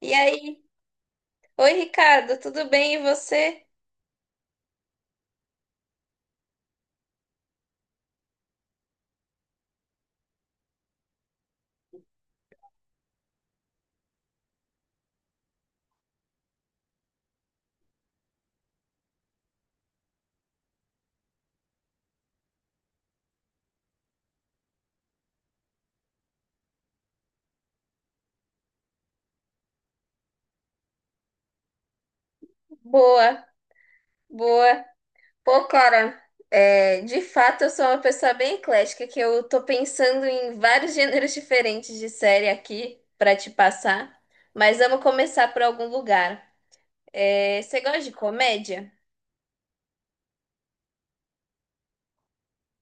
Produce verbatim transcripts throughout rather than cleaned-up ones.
E aí? Oi, Ricardo, tudo bem e você? Boa, boa. Pô, cara, é, de fato eu sou uma pessoa bem eclética, que eu tô pensando em vários gêneros diferentes de série aqui pra te passar, mas vamos começar por algum lugar. É, você gosta de comédia?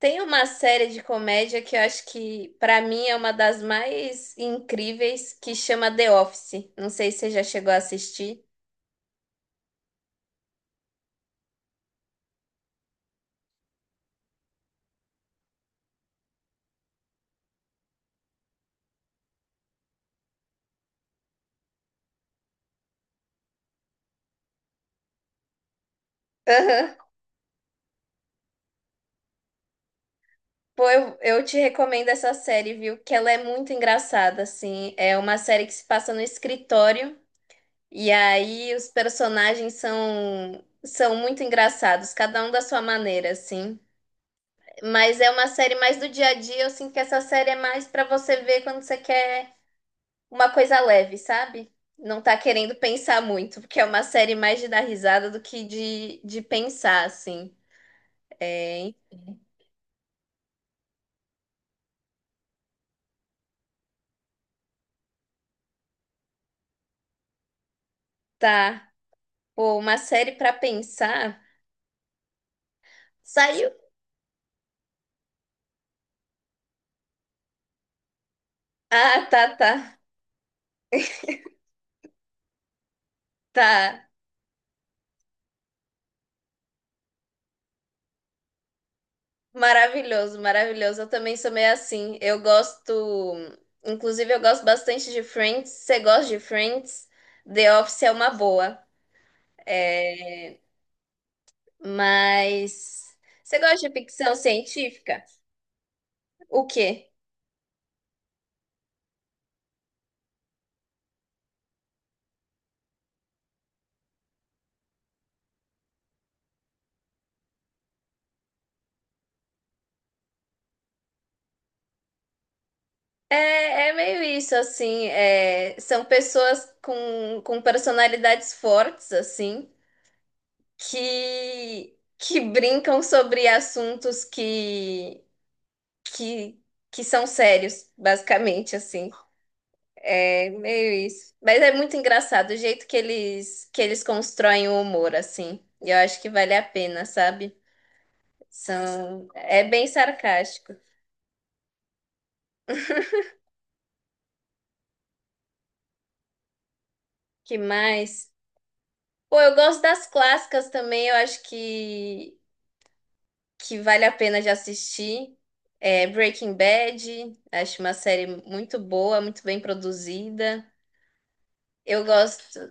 Tem uma série de comédia que eu acho que, pra mim, é uma das mais incríveis, que chama The Office. Não sei se você já chegou a assistir. Aham. Pô, eu, eu te recomendo essa série, viu? Que ela é muito engraçada, assim. É uma série que se passa no escritório, e aí os personagens são, são muito engraçados, cada um da sua maneira, assim. Mas é uma série mais do dia a dia, eu sinto que essa série é mais pra você ver quando você quer. Uma coisa leve, sabe? Não tá querendo pensar muito, porque é uma série mais de dar risada do que de, de pensar, assim. É, tá. Pô, uma série pra pensar. Saiu. Ah, tá, tá, tá. Maravilhoso, maravilhoso. Eu também sou meio assim. Eu gosto. Inclusive, eu gosto bastante de Friends. Você gosta de Friends? The Office é uma boa. É, mas. Você gosta de ficção científica? O quê? É, é meio isso, assim, é, são pessoas com, com personalidades fortes, assim, que, que brincam sobre assuntos que, que, que são sérios, basicamente, assim, é meio isso. Mas é muito engraçado o jeito que eles, que eles constroem o humor, assim, e eu acho que vale a pena, sabe? São, é bem sarcástico. Que mais? Pô, eu gosto das clássicas também, eu acho que que vale a pena de assistir. É Breaking Bad, acho uma série muito boa, muito bem produzida. Eu gosto.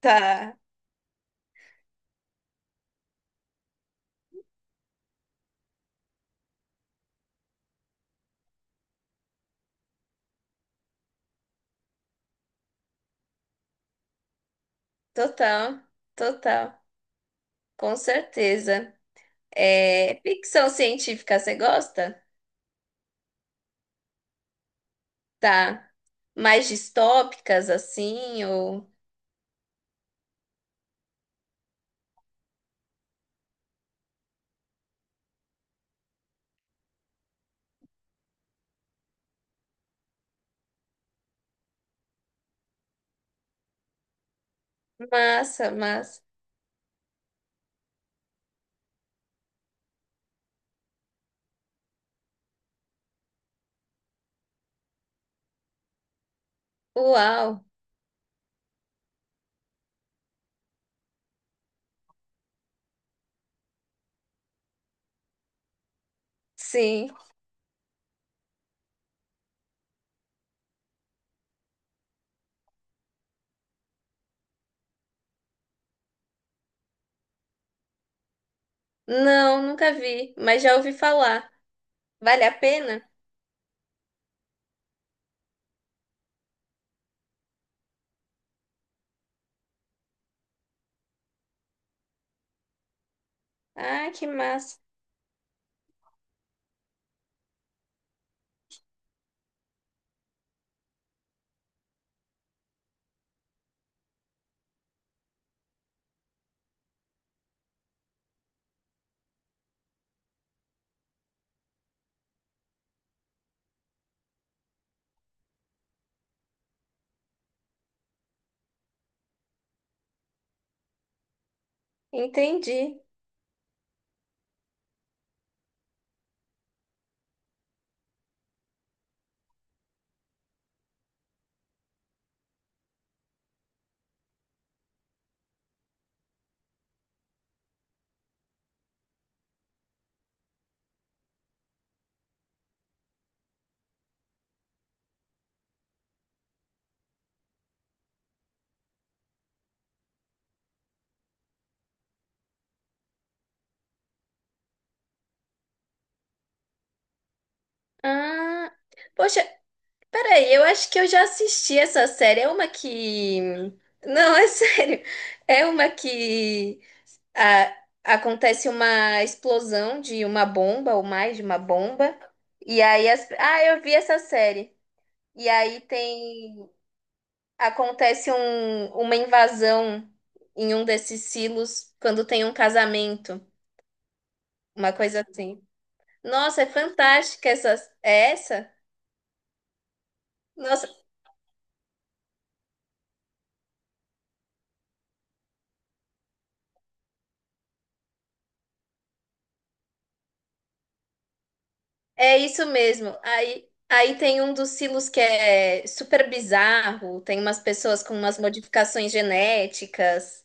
Tá, total, total, com certeza. É, ficção científica, você gosta? Tá. Mais distópicas, assim, ou... Massa, massa. Uau, sim. Não, nunca vi, mas já ouvi falar. Vale a pena? Ah, que massa. Entendi. Ah, poxa, peraí, eu acho que eu já assisti essa série. É uma que. Não, é sério. É uma que, ah, acontece uma explosão de uma bomba, ou mais de uma bomba. E aí. As... Ah, eu vi essa série. E aí tem. Acontece um... Uma invasão em um desses silos quando tem um casamento. Uma coisa assim. Nossa, é fantástica essa. É essa? Nossa, é isso mesmo. Aí, aí tem um dos silos que é super bizarro, tem umas pessoas com umas modificações genéticas.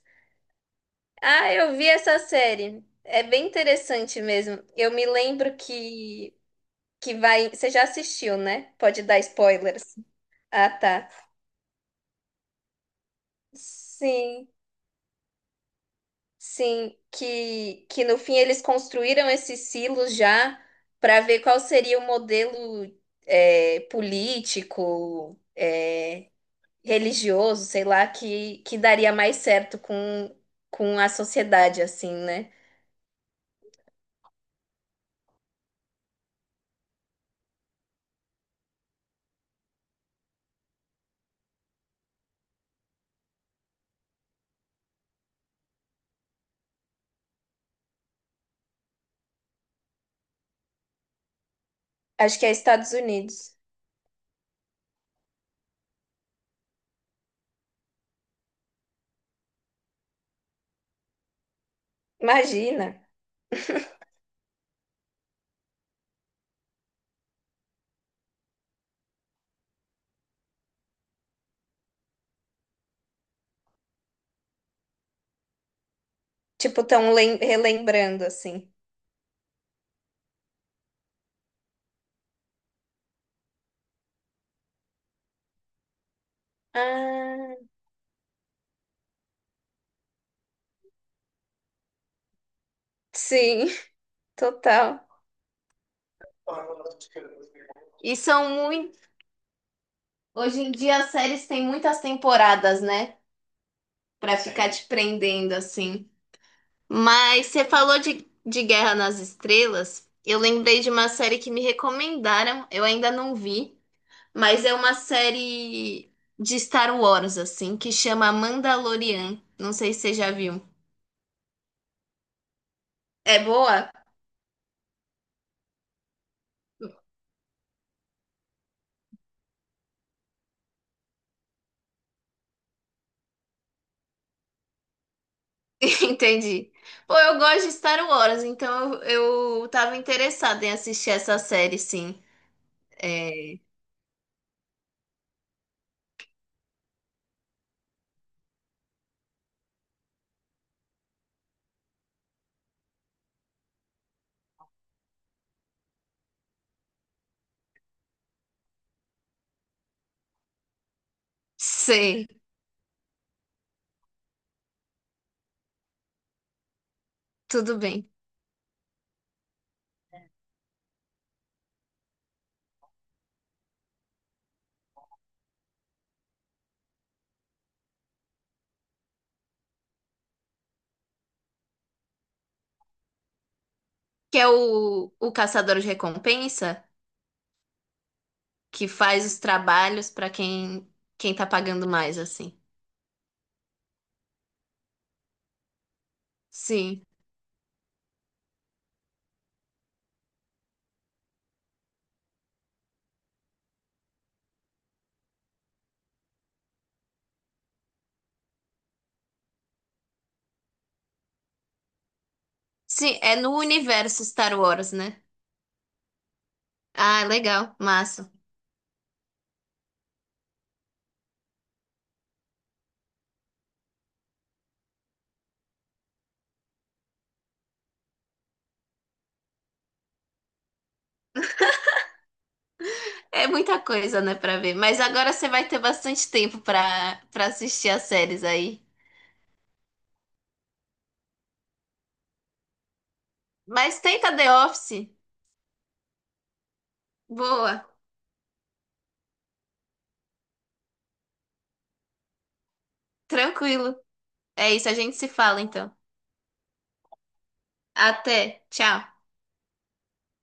Ah, eu vi essa série. É bem interessante mesmo. Eu me lembro que que vai, você já assistiu, né? Pode dar spoilers. Ah, tá. Sim. Sim, que que no fim eles construíram esses silos já para ver qual seria o modelo é, político, é, religioso, sei lá, que, que daria mais certo com, com a sociedade, assim, né? Acho que é Estados Unidos. Imagina. Tipo, tão lem- relembrando, assim. Ah, sim, total. E são muito. Hoje em dia as séries têm muitas temporadas, né? Pra ficar te prendendo, assim. Mas você falou de, de Guerra nas Estrelas. Eu lembrei de uma série que me recomendaram, eu ainda não vi. Mas é uma série de Star Wars, assim, que chama Mandalorian. Não sei se você já viu. É boa? Entendi. Pô, eu gosto de Star Wars, então eu, eu tava interessada em assistir essa série, sim. É... Sei, tudo bem. Que é o, o Caçador de Recompensa, que faz os trabalhos pra quem, quem tá pagando mais, assim. Sim. Sim, é no universo Star Wars, né? Ah, legal, massa. É muita coisa, né, pra ver. Mas agora você vai ter bastante tempo pra, pra assistir as séries aí. Mas tenta The Office. Boa, tranquilo. É isso, a gente se fala então. Até, tchau.